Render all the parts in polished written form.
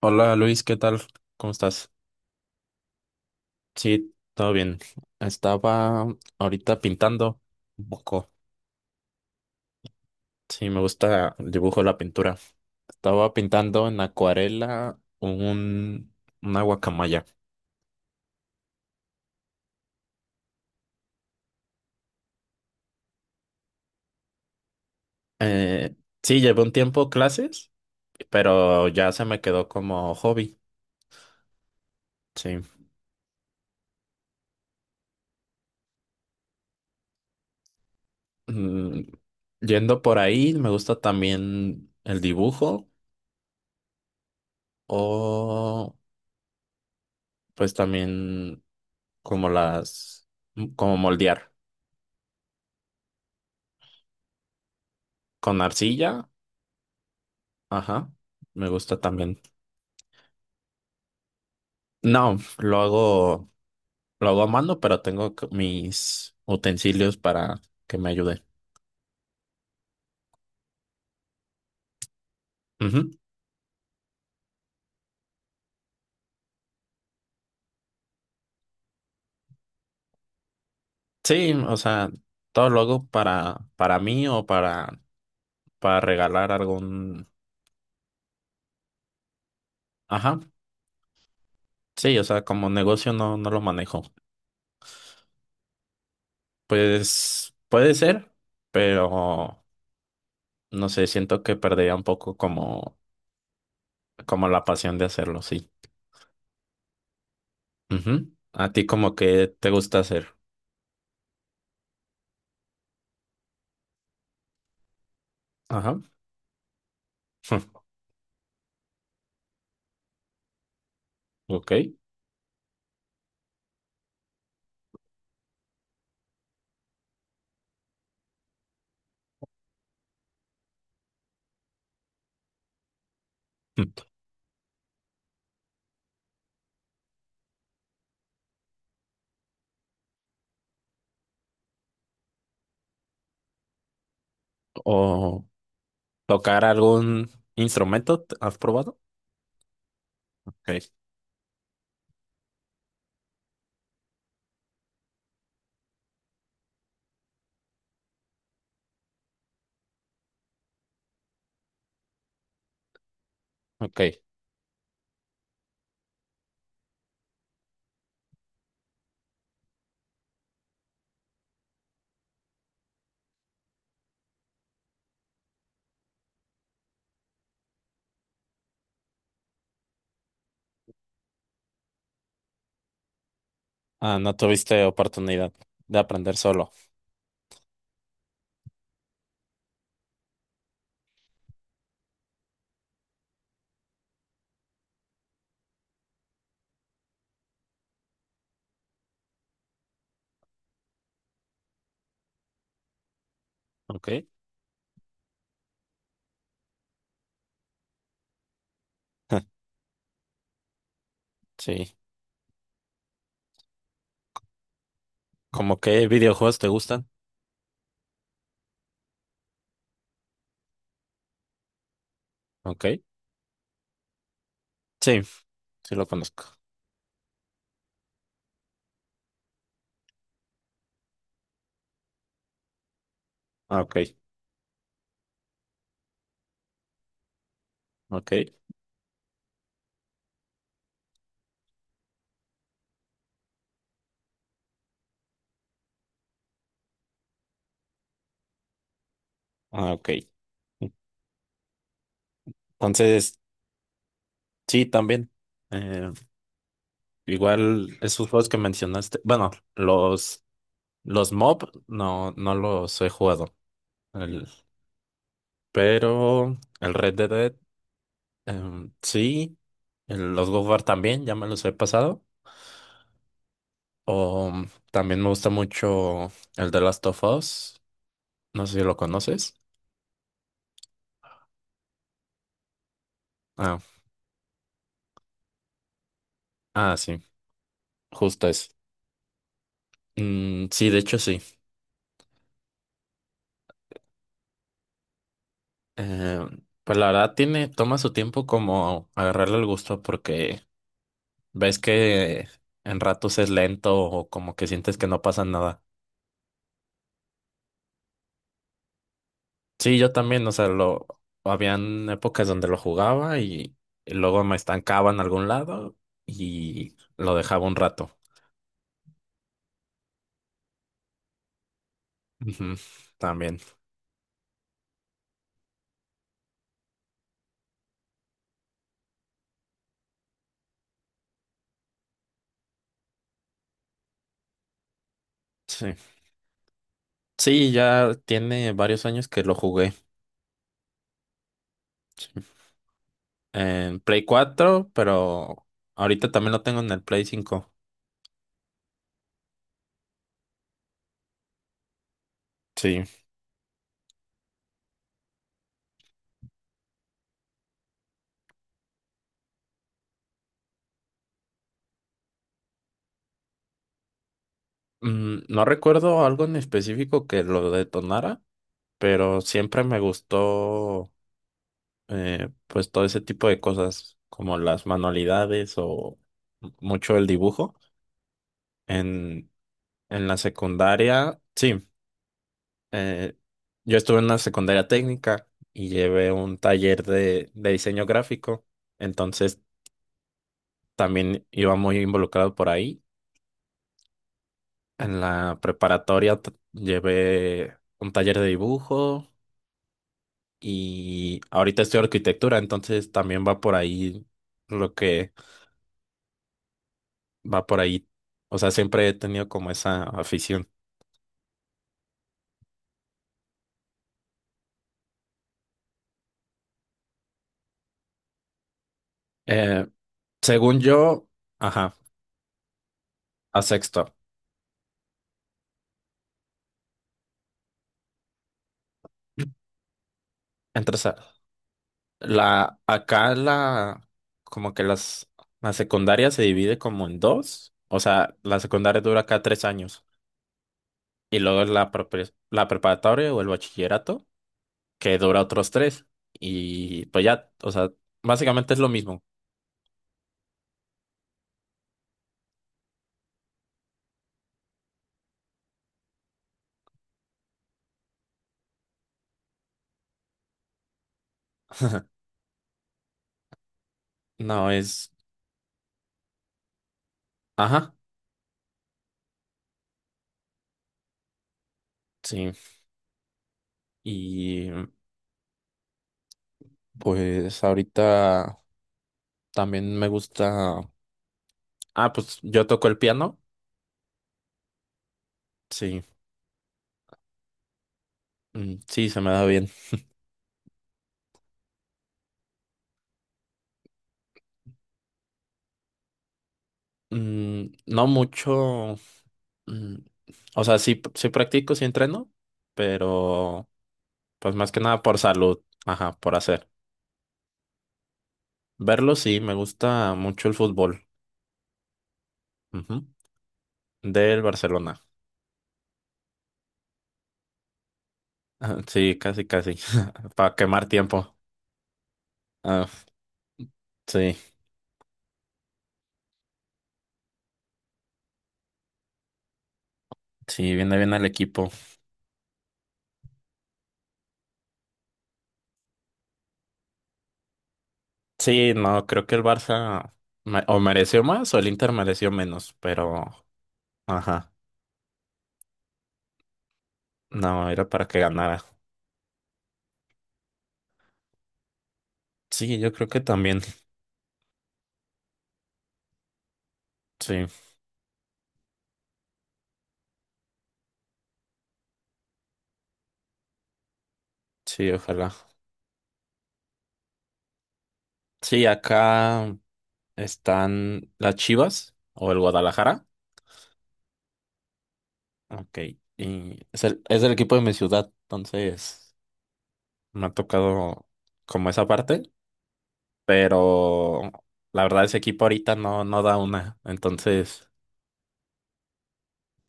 Hola Luis, ¿qué tal? ¿Cómo estás? Sí, todo bien. Estaba ahorita pintando un poco. Sí, me gusta el dibujo, la pintura. Estaba pintando en acuarela una guacamaya. Eh, sí, llevé un tiempo clases, pero ya se me quedó como hobby. Sí. Mm, Yendo por ahí, me gusta también el dibujo o pues también como las, como moldear. Con arcilla, ajá, me gusta también. No, lo hago a mano, pero tengo mis utensilios para que me ayude. Ujú. Sí, o sea, todo lo hago para mí o para regalar algún, ajá, sí, o sea, como negocio no lo manejo. Pues puede ser, pero no sé, siento que perdería un poco como la pasión de hacerlo, sí. Ujú. A ti como que te gusta hacer, ajá. Ok. Mm. ¿O tocar algún instrumento? ¿Has probado? Ok. Ok. Ah, no tuviste oportunidad de aprender solo. Ok. Sí. ¿Cómo qué videojuegos te gustan? Ok. Sí, sí lo conozco. Ah, ok. Ok. Ah, ok. Entonces, sí, también. Eh, Igual esos juegos que mencionaste. Bueno, los MOB no los he jugado. El- pero el Red Dead. Sí, los God of War también, ya me los he pasado. O también me gusta mucho el de Last of Us. No sé si lo conoces. Ah, ah, sí, justo es. Mm, sí, de hecho sí. Pues la verdad tiene, toma su tiempo como agarrarle el gusto porque ves que en ratos es lento o como que sientes que no pasa nada. Sí, yo también, o sea, lo habían épocas donde lo jugaba y luego me estancaba en algún lado y lo dejaba un rato. Ujú, también. Sí. Sí, ya tiene varios años que lo jugué. Sí, en Play 4, pero ahorita también lo tengo en el Play cinco. Sí. No recuerdo algo en específico que lo detonara, pero siempre me gustó, pues todo ese tipo de cosas como las manualidades o mucho el dibujo. En, en la secundaria, sí, eh, yo estuve en una secundaria técnica y llevé un taller de diseño gráfico, entonces también iba muy involucrado por ahí. En la preparatoria llevé un taller de dibujo y ahorita estoy arquitectura, entonces también va por ahí lo que va por ahí. O sea, siempre he tenido como esa afición. Eh, Según yo, ajá, a sexto. Entre esa- la, acá la, como que las, La secundaria se divide como en dos. O sea, la secundaria dura acá tres años. Y luego la preparatoria o el bachillerato, que dura otros tres. Y pues ya, o sea, básicamente es lo mismo. No es, ajá, sí. Y pues ahorita. También me gusta. Ah, pues yo toco el piano. Sí, mm, sí, se me da bien. Mm, no mucho. Mm, o sea, sí, sí practico, sí entreno, pero pues más que nada por salud. Ajá, por hacer. Verlo, sí, me gusta mucho el fútbol. Ujú. Del Barcelona. Ah, sí, casi, casi. Para quemar tiempo. Ah, sí, sí, viene bien al equipo. Sí, no, creo que el Barça o mereció más o el Inter mereció menos, pero. Ajá. No, era para que ganara. Sí, yo creo que también. Sí, sí, ojalá. Sí, acá están las Chivas o el Guadalajara. Ok. Y es el equipo de mi ciudad, entonces me ha tocado como esa parte, pero la verdad ese equipo ahorita no da una. Entonces,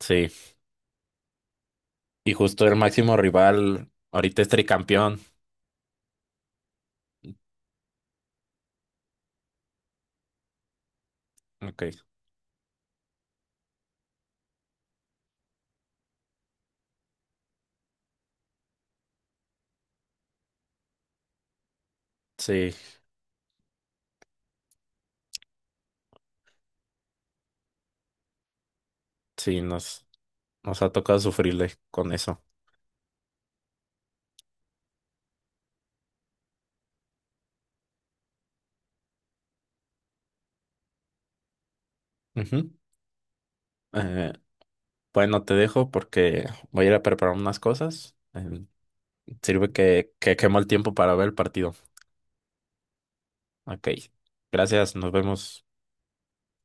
sí. Y justo el máximo rival ahorita es tricampeón. Ok. Sí, sí, nos ha tocado sufrirle con eso. Ujú. Eh, Bueno, te dejo porque voy a ir a preparar unas cosas. Sirve que quemo el tiempo para ver el partido. Ok. Gracias, nos vemos.